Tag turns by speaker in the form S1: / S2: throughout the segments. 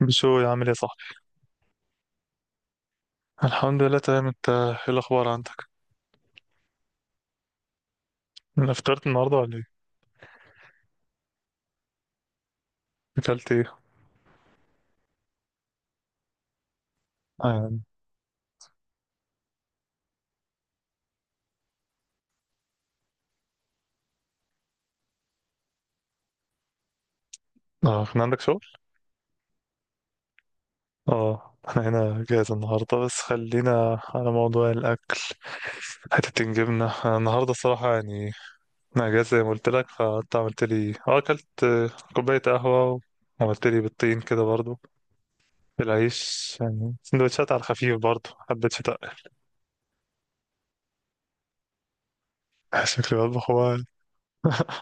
S1: بشو يا عامل يا صاحبي. الحمد لله تمام، انت ايه الاخبار عندك؟ انا افطرت النهارده ولا ايه؟ اكلت ايه؟ اه يعني. اه، كان عندك شغل. اه احنا هنا جاهز النهارده، بس خلينا على موضوع الاكل. حتتين جبنه انا النهارده الصراحه يعني. انا جاهز زي ما قلت لك، فانت عملت لي اه اكلت كوبايه قهوه. وعملت لي بالطين كده برضو، بالعيش يعني سندوتشات على الخفيف برضو. حبيت شتاء. شكلي بطبخ هو؟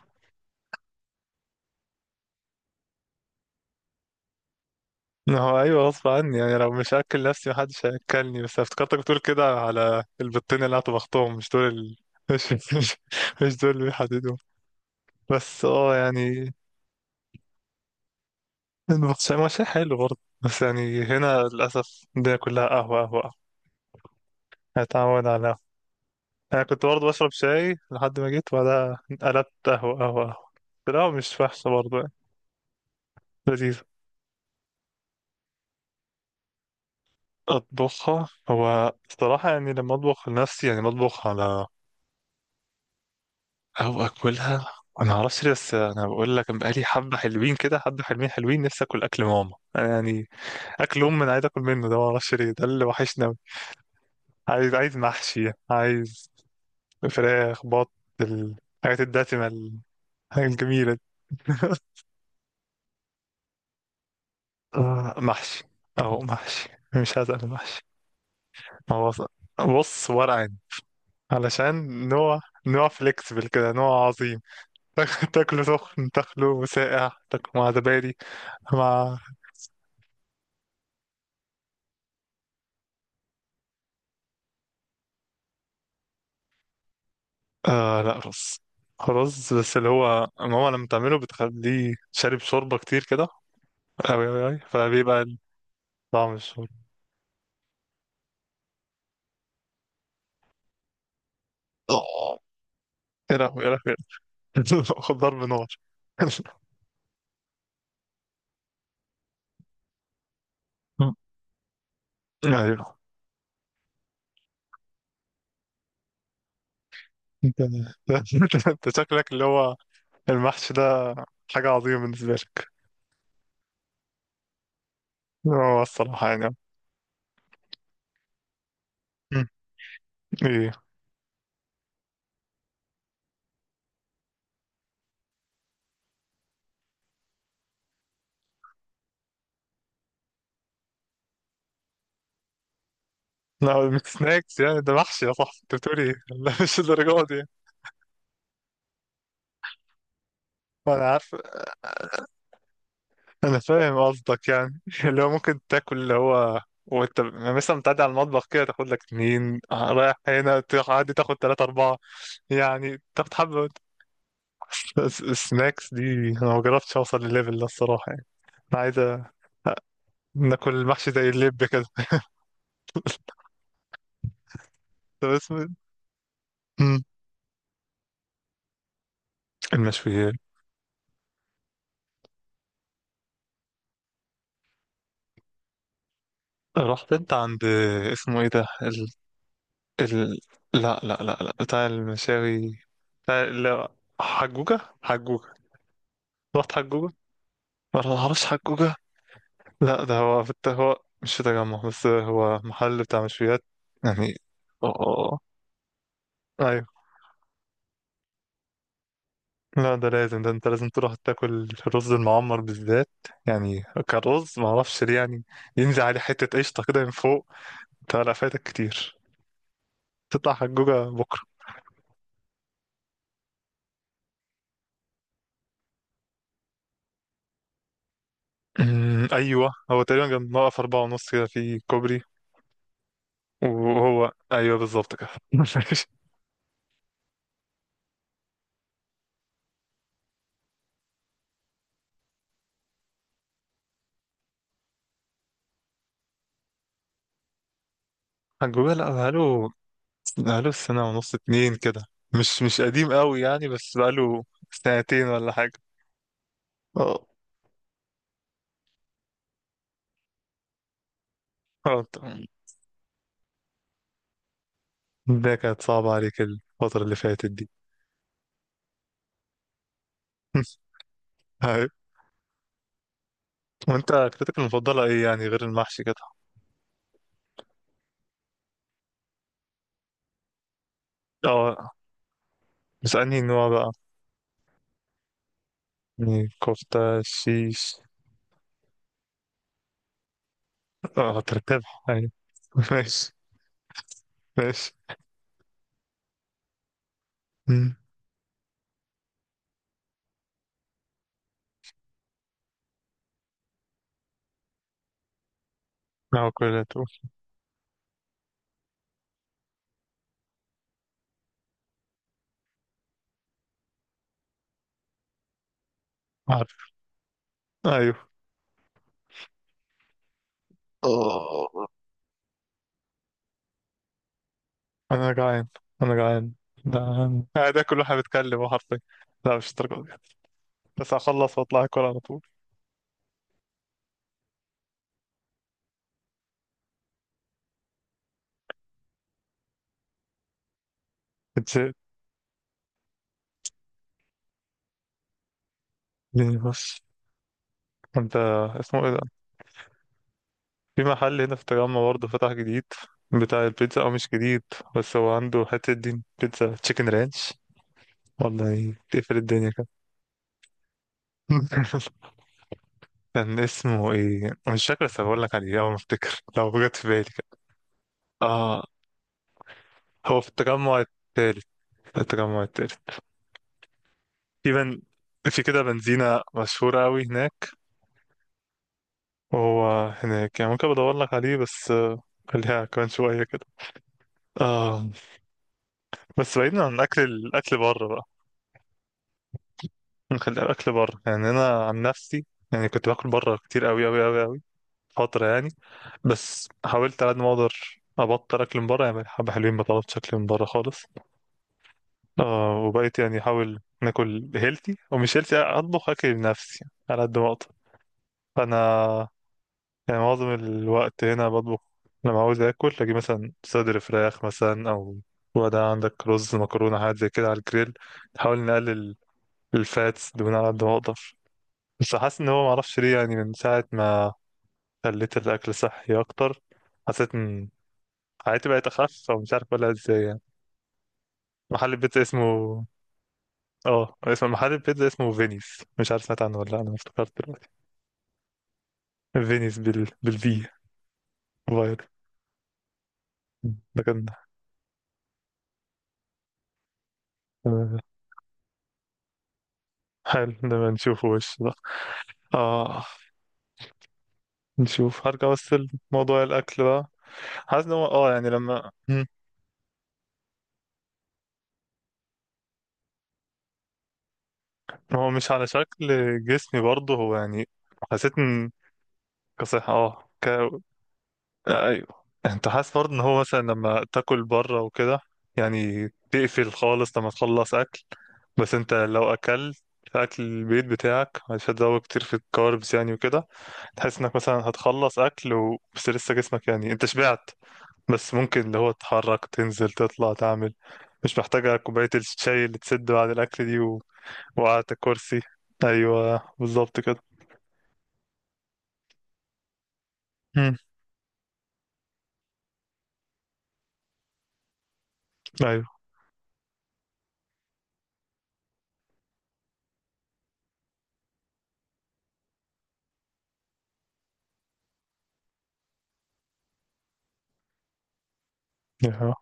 S1: ما هو ايوه غصب عني يعني، لو مش هاكل نفسي محدش هياكلني. بس افتكرتك بتقول كده على البطين اللي هطبختهم، مش دول ال... مش مش, مش دول اللي بيحددوا. بس اه يعني المحشي ما شيء حلو برضه. بس يعني هنا للاسف الدنيا كلها قهوه قهوه قهوة. هتعود على قهوه. انا كنت برضه بشرب شاي لحد ما جيت، وبعدها قلبت قهوه قهوه قهوه. بس القهوه مش وحشه برضه يعني. لذيذه. اطبخها هو الصراحه يعني، لما اطبخ لنفسي يعني بطبخ على، او اكلها. انا معرفش ليه، بس انا بقول لك أنا بقالي حبه حلوين كده، حبه حلوين حلوين نفسي اكل ماما أنا يعني. اكل ام انا عايز اكل منه ده، معرفش ليه، ده اللي وحشني أوي. عايز محشي، عايز فراخ بط، الحاجات الدسمه، الحاجات الجميله دي. آه، محشي. او محشي. مش عايز انا محشي. هو ص- بص ورق عنب. علشان نوع، نوع فليكسبل كده، نوع عظيم. تاكله سخن، تاكله ساقع، تاكله مع زبادي، مع. آه لا رز. رز بس اللي هو ماما لما تعمله بتخليه شارب شوربة كتير كده. أوي أوي أوي فبيبقى طعم الشوربة. آه، يا لهوي يا لهوي. خد ضرب نار. أيوه. أنت أنت شكلك اللي هو المحشي ده حاجة عظيمة بالنسبة لك. هو الصراحة يعني. مم. إيه؟ لا مش سناكس يعني، ده محشي يا صاحبي، أنت بتقول إيه؟ لا مش الدرجة دي. أنا عارف. انا فاهم قصدك يعني، اللي هو ممكن تاكل اللي هو، وانت يعني مثلا بتعدي على المطبخ كده تاخد لك اتنين، آه، رايح هنا تعدي تاخد تلاتة أربعة، يعني تاخد حبة. س- سناكس دي. أنا ما جربتش أوصل للليفل ده الصراحة يعني. أنا عايز أ- ناكل المحشي زي اللب كده. طب اسمه إيه؟ مم. المشويات. رحت أنت عند، اسمه إيه ده ال... ال... لا لا لا لا بتاع المشاوي، بتاع لا، حجوجة حجوجة. رحت حجوجة؟ ما اعرفش حجوجة. لا ده هو في الت... هو مش في تجمع، بس هو محل بتاع مشويات يعني. اه ايوه. لا ده لازم، ده انت لازم تروح تاكل الرز المعمر بالذات يعني. كرز ما اعرفش ليه يعني، ينزل عليه حتة قشطة كده من فوق. انت لا فايتك كتير. تطلع حجوجة بكرة. أمم، ايوه هو تقريبا جنب موقف أربعة ونص كده في كوبري. وهو ايوه بالظبط كده. حجوجة لا بقاله، بقاله سنة ونص اتنين كده. مش قديم قوي يعني، بس بقاله سنتين ولا حاجة. اه. اه طبعاً. ده كانت صعبة عليك الفترة اللي فاتت دي. هاي. وانت اكلتك المفضلة ايه يعني غير المحشي كده؟ اه بس انهي نوع بقى؟ يعني كفتة شيش؟ اه ترتبح يعني. ماشي. ماشي. مم. معقولة. عارف. ايوه. اه. انا جعان، انا جعان. جعان. آه، ده انا قاعد اكل واحنا بنتكلم حرفيا. لا مش الدرجة دي. بس هخلص واطلع اكل على طول. اتزهقت يعني. بس انت، اسمه ايه ده، في محل هنا في التجمع برضه فتح جديد بتاع البيتزا، او مش جديد. بس هو عنده حتة دين بيتزا تشيكن رانش والله تقفل الدنيا كده. كان اسمه ايه مش فاكر، بس هقول لك عليه اول ما افتكر لو جت في بالي كده. اه. هو في التجمع التالت، التجمع التالت تقريبا. في كده بنزينة مشهورة أوي هناك، وهو هناك يعني، ممكن بدور لك عليه بس آه، خليها كمان شوية كده. آه بس بعيدا عن اكل الاكل بره بقى، نخلي الاكل بره يعني. انا عن نفسي يعني كنت باكل بره كتير قوي قوي قوي قوي فتره يعني. بس حاولت على قد ما اقدر ابطل اكل من بره، يعني بقالي حبه حلوين بطلت اكل من بره خالص. آه وبقيت يعني احاول ناكل هيلثي، ومش هيلثي اطبخ اكل بنفسي على قد ما اقدر. فانا يعني معظم الوقت هنا بطبخ. لما عاوز اكل اجي مثلا صدر فراخ مثلا، او وده عندك رز مكرونه حاجات زي كده على الجريل. نحاول نقلل الفاتس دهون على قد ما اقدر. بس حاسس ان هو معرفش ليه يعني، من ساعة ما خليت الاكل صحي اكتر حسيت ان حياتي بقت اخف، او مش عارف اقولها ازاي يعني. محل البيتزا اسمه، اه اسم محل البيتزا اسمه فينيس، مش عارف سمعت عنه ولا لا، انا افتكرت دلوقتي. فينيس، بال بالفي فاير. ده كان آه، حلو لما نشوفه وش ده. اه. نشوف. هرجع بس لموضوع الاكل بقى. حاسس ان هو اه يعني لما. مم. هو مش على شكل جسمي برضه هو يعني، حسيت كصحة اه ك... آه، ايوه. انت حاسس برضه ان هو مثلا لما تاكل بره وكده، يعني تقفل خالص لما تخلص اكل. بس انت لو اكلت اكل البيت بتاعك مش هتزود كتير في الكاربس يعني وكده، تحس انك مثلا هتخلص اكل و... بس لسه جسمك يعني انت شبعت، بس ممكن اللي هو تتحرك تنزل تطلع تعمل، مش محتاجة كوباية الشاي اللي تسد بعد الاكل دي و... وقعدت الكرسي. ايوه بالظبط كده. مم. ايوه. يا.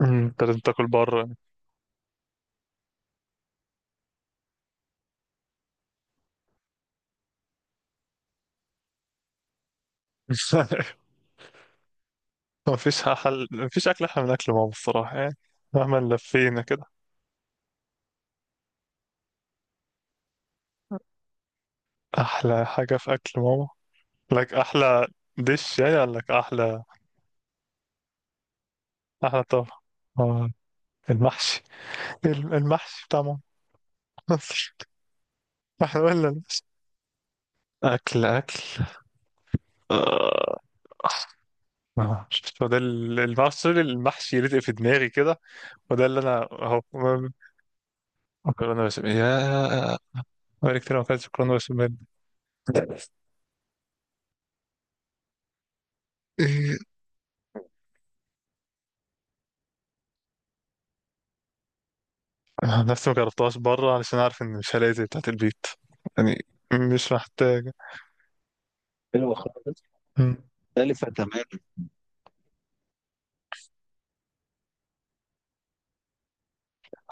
S1: مم. انت لازم تاكل بره. مفيش حل، مفيش أكل أحلى من أكل ماما الصراحة يعني. مهما لفينا كده أحلى حاجة في أكل ماما. لك أحلى دش يعني قال لك أحلى. أحلى طبق آه، المحشي، المحشي بتاع ماما. احنا قلنا المحشي. أكل آه، آه، شفت، هو ده ال- المحشي، المحشي يلزق في دماغي كده وده اللي أنا أهو. مكرونة بشاميل يا، بقالي كتير ما أكلتش مكرونة بشاميل. أنا نفسي ما جربتهاش بره علشان عارف ان مش هلاقي زي بتاعت البيت يعني. مش محتاجة. حلوة خالص. مم. مختلفة تماما.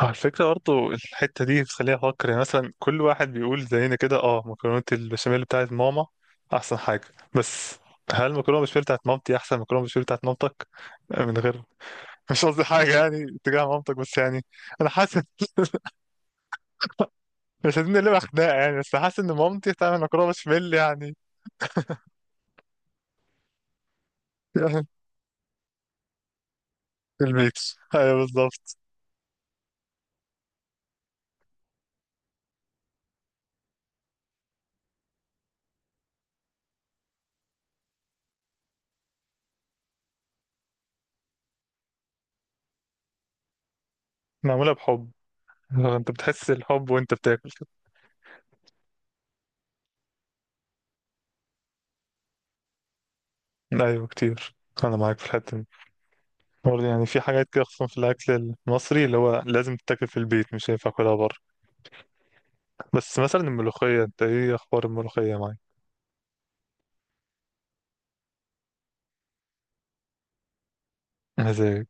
S1: على فكرة برضه الحتة دي بتخليني أفكر يعني، مثلا كل واحد بيقول زينا كده، اه مكرونة البشاميل بتاعت ماما أحسن حاجة. بس هل مكرونة بشاميل بتاعت مامتي أحسن مكرونة بشاميل بتاعت مامتك؟ من غير، مش قصدي حاجة يعني تجاه مامتك، بس يعني أنا حاسس مش عايزين نقلبها خناقة يعني، بس حاسس إن مامتي بتعمل مكرونة بشاميل يعني. البيت. أيوه بالظبط. معمولة بحب. آه، انت بتحس الحب وانت بتاكل كده. ايوه كتير، انا معاك في الحتة دي. برضه يعني في حاجات كده خصوصا في الاكل المصري اللي هو لازم تتاكل في البيت، مش هينفع اكلها بره. بس مثلا الملوخية، انت ايه اخبار الملوخية معاك؟ مزاج.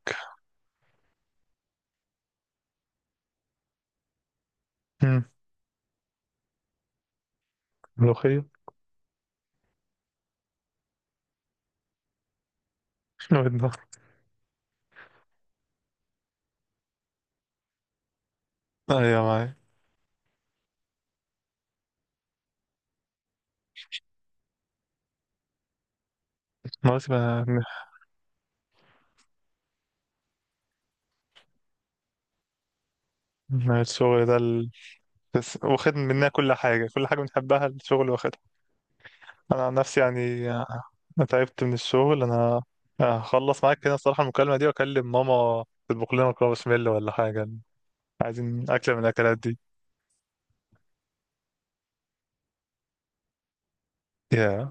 S1: مم، ملوخية. ودنا. ايوه معاك. خلاص بقى الشغل ده ال... بس واخد مننا كل حاجة، كل حاجة بنحبها الشغل واخد. انا عن نفسي يعني آه، انا تعبت من الشغل انا. آه، هخلص معاك كده الصراحه المكالمه دي واكلم ماما تطبخ لنا مكرونه بشاميل ولا حاجه. عايزين اكله من الاكلات دي. يا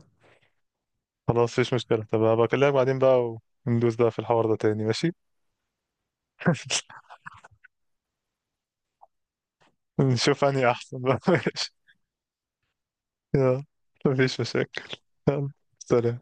S1: خلاص مفيش مشكله، طب هبقى اكلمك بعدين بقى، وندوس بقى في الحوار ده تاني ماشي. نشوف اني احسن بقى. ماشي. يا. مفيش مشاكل. يلا. سلام.